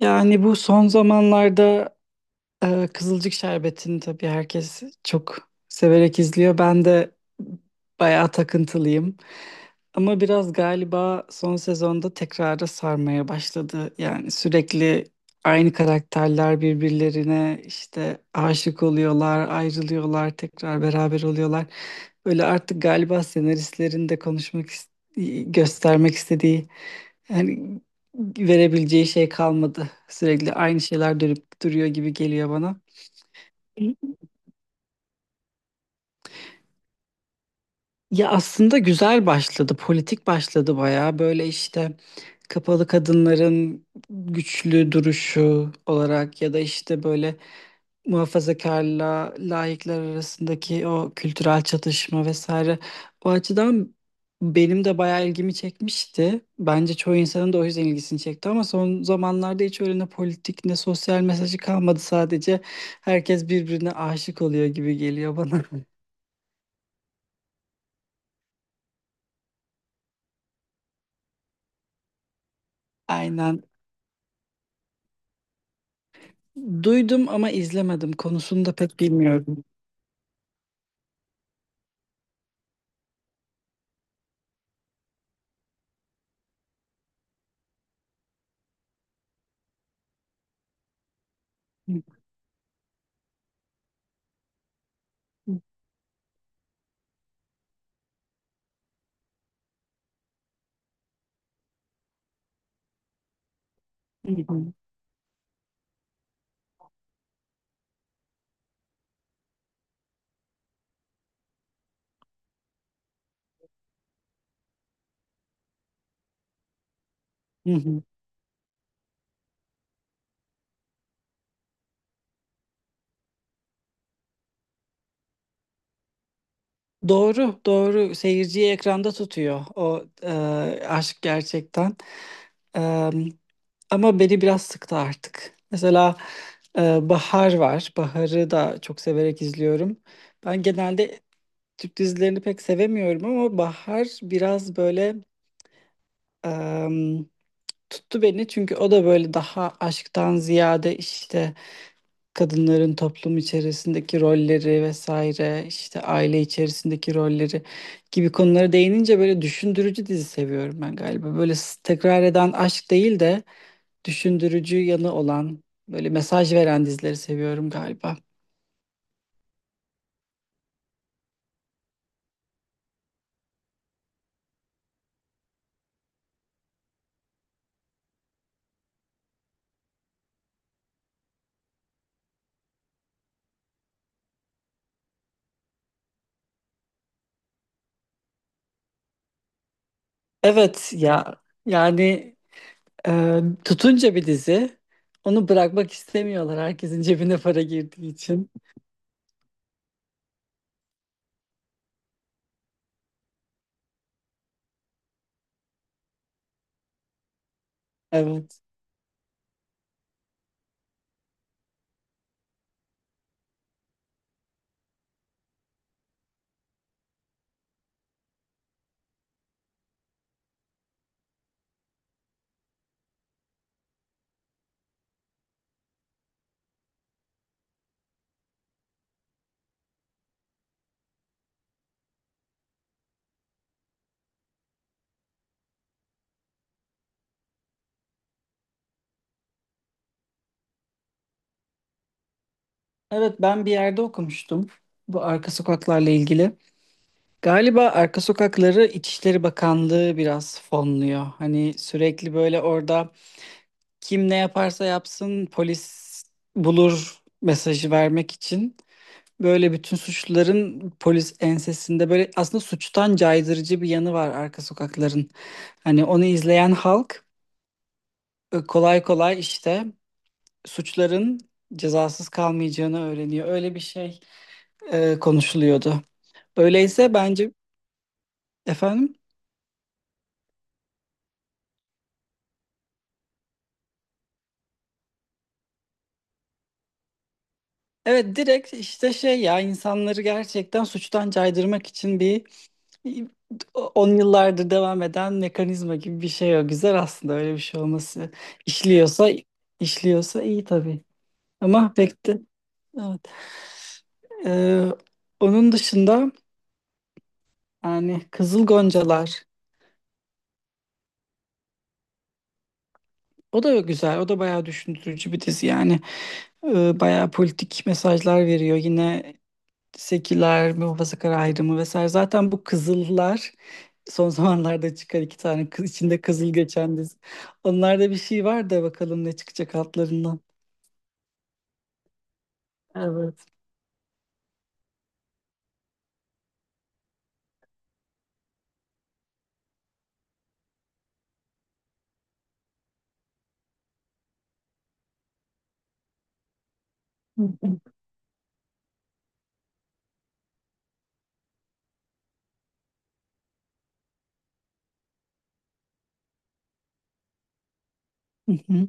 Yani bu son zamanlarda Kızılcık Şerbeti'ni tabii herkes çok severek izliyor. Ben de bayağı takıntılıyım. Ama biraz galiba son sezonda tekrara sarmaya başladı. Yani sürekli aynı karakterler birbirlerine işte aşık oluyorlar, ayrılıyorlar, tekrar beraber oluyorlar. Böyle artık galiba senaristlerin de konuşmak, göstermek istediği yani verebileceği şey kalmadı. Sürekli aynı şeyler dönüp duruyor gibi geliyor bana. Ya aslında güzel başladı, politik başladı bayağı. Böyle işte kapalı kadınların güçlü duruşu olarak ya da işte böyle muhafazakarla laikler arasındaki o kültürel çatışma vesaire. O açıdan benim de bayağı ilgimi çekmişti. Bence çoğu insanın da o yüzden ilgisini çekti ama son zamanlarda hiç öyle ne politik ne sosyal mesajı kalmadı. Sadece herkes birbirine aşık oluyor gibi geliyor bana. Aynen. Duydum ama izlemedim. Konusunu da pek bilmiyorum. Hı hı, hı hı, hı hı. Doğru, doğru. Seyirciyi ekranda tutuyor o aşk gerçekten. E, ama beni biraz sıktı artık. Mesela Bahar var. Bahar'ı da çok severek izliyorum. Ben genelde Türk dizilerini pek sevemiyorum ama Bahar biraz böyle e, tuttu beni. Çünkü o da böyle daha aşktan ziyade işte kadınların toplum içerisindeki rolleri vesaire işte aile içerisindeki rolleri gibi konulara değinince böyle düşündürücü dizi seviyorum ben galiba. Böyle tekrar eden aşk değil de düşündürücü yanı olan böyle mesaj veren dizileri seviyorum galiba. Evet ya yani tutunca bir dizi onu bırakmak istemiyorlar herkesin cebine para girdiği için. Evet. Evet, ben bir yerde okumuştum bu arka sokaklarla ilgili. Galiba arka sokakları İçişleri Bakanlığı biraz fonluyor. Hani sürekli böyle orada kim ne yaparsa yapsın polis bulur mesajı vermek için. Böyle bütün suçluların polis ensesinde böyle aslında suçtan caydırıcı bir yanı var arka sokakların. Hani onu izleyen halk kolay kolay işte suçların cezasız kalmayacağını öğreniyor. Öyle bir şey konuşuluyordu. Öyleyse bence efendim evet direkt işte şey ya insanları gerçekten suçtan caydırmak için bir on yıllardır devam eden mekanizma gibi bir şey o. Güzel aslında öyle bir şey olması. İşliyorsa işliyorsa iyi tabii. Mahvetti. Evet. Ee, onun dışında yani Kızıl Goncalar. O da güzel. O da bayağı düşündürücü bir dizi yani. Bayağı politik mesajlar veriyor. Yine seküler, muhafazakar ayrımı vesaire. Zaten bu Kızıllar son zamanlarda çıkan iki tane kız, içinde kızıl geçen dizi. Onlarda bir şey var da bakalım ne çıkacak altlarından. Evet. Hı hı. Hı hı.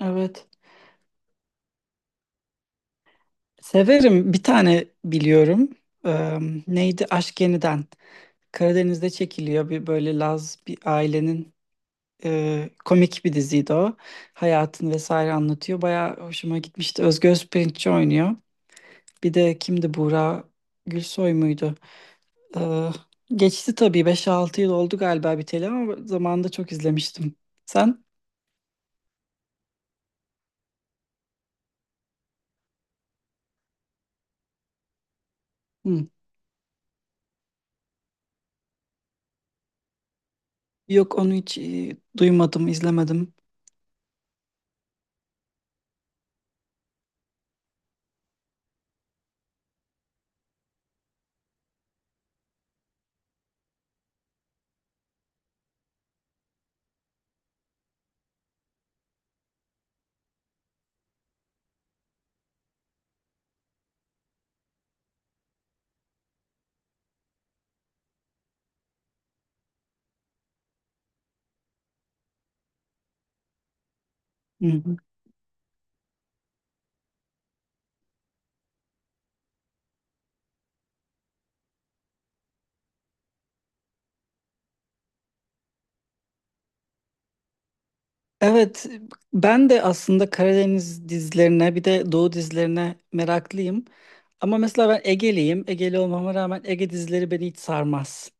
Evet. Severim. Bir tane biliyorum. Ee, neydi? Aşk Yeniden. Karadeniz'de çekiliyor bir böyle Laz bir ailenin komik bir diziydi o. Hayatını vesaire anlatıyor. Bayağı hoşuma gitmişti. Özge Özpirinççi oynuyor. Bir de kimdi Buğra Gülsoy muydu? E, geçti tabii beş altı yıl oldu galiba biteli ama zamanında çok izlemiştim. Sen? Hı. Yok, onu hiç duymadım, izlemedim. Hı. Evet, ben de aslında Karadeniz dizilerine bir de Doğu dizilerine meraklıyım. Ama mesela ben Ege'liyim. Ege'li olmama rağmen Ege dizileri beni hiç sarmaz.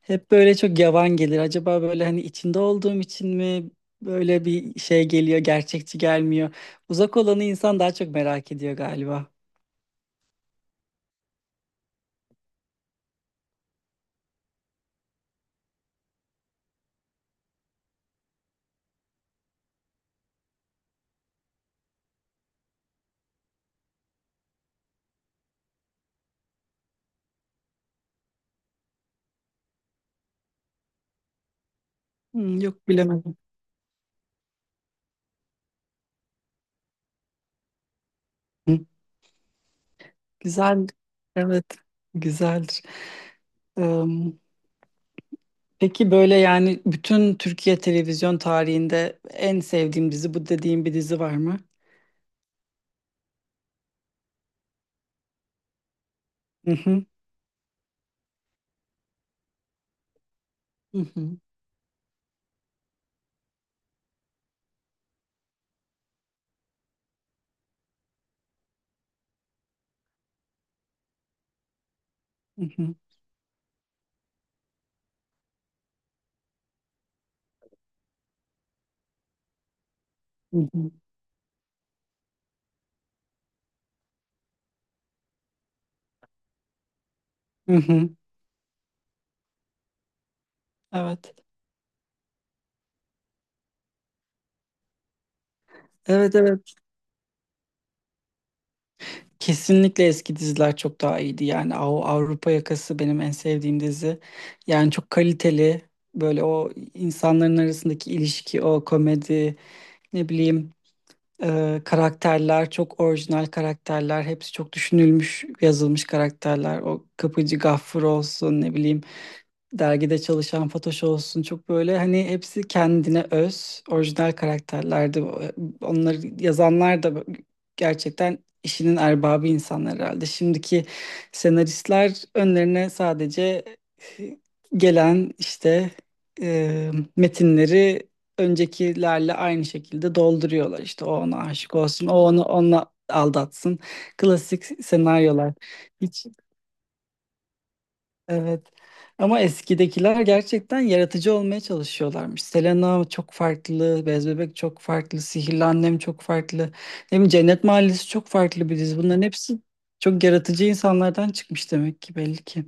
Hep böyle çok yavan gelir. Acaba böyle hani içinde olduğum için mi böyle bir şey geliyor, gerçekçi gelmiyor. Uzak olanı insan daha çok merak ediyor galiba. Hmm, yok bilemedim. Hı. Güzel. Evet, güzeldir. Peki böyle yani bütün Türkiye televizyon tarihinde en sevdiğim dizi bu dediğim bir dizi var mı? Hı hı. Hı hı. Hı hı. Hı hı. Hı hı. Evet. Evet, evet. Kesinlikle eski diziler çok daha iyiydi. Yani Avrupa Yakası benim en sevdiğim dizi. Yani çok kaliteli. Böyle o insanların arasındaki ilişki, o komedi, ne bileyim karakterler çok orijinal karakterler. Hepsi çok düşünülmüş, yazılmış karakterler. O Kapıcı Gaffur olsun, ne bileyim, dergide çalışan Fatoş olsun, çok böyle hani hepsi kendine öz orijinal karakterlerdi. Onları yazanlar da gerçekten işinin erbabı insanlar herhalde. Şimdiki senaristler önlerine sadece gelen işte e, metinleri öncekilerle aynı şekilde dolduruyorlar. İşte o ona aşık olsun, o onu onunla aldatsın. Klasik senaryolar. Hiç. Evet. Ama eskidekiler gerçekten yaratıcı olmaya çalışıyorlarmış. Selena çok farklı, Bez Bebek çok farklı, Sihirli Annem çok farklı. Ne bileyim Cennet Mahallesi çok farklı bir dizi. Bunların hepsi çok yaratıcı insanlardan çıkmış demek ki, belli ki.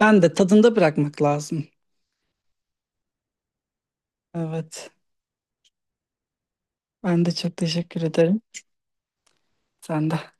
Ben de tadında bırakmak lazım. Evet. Ben de çok teşekkür ederim. Sen de.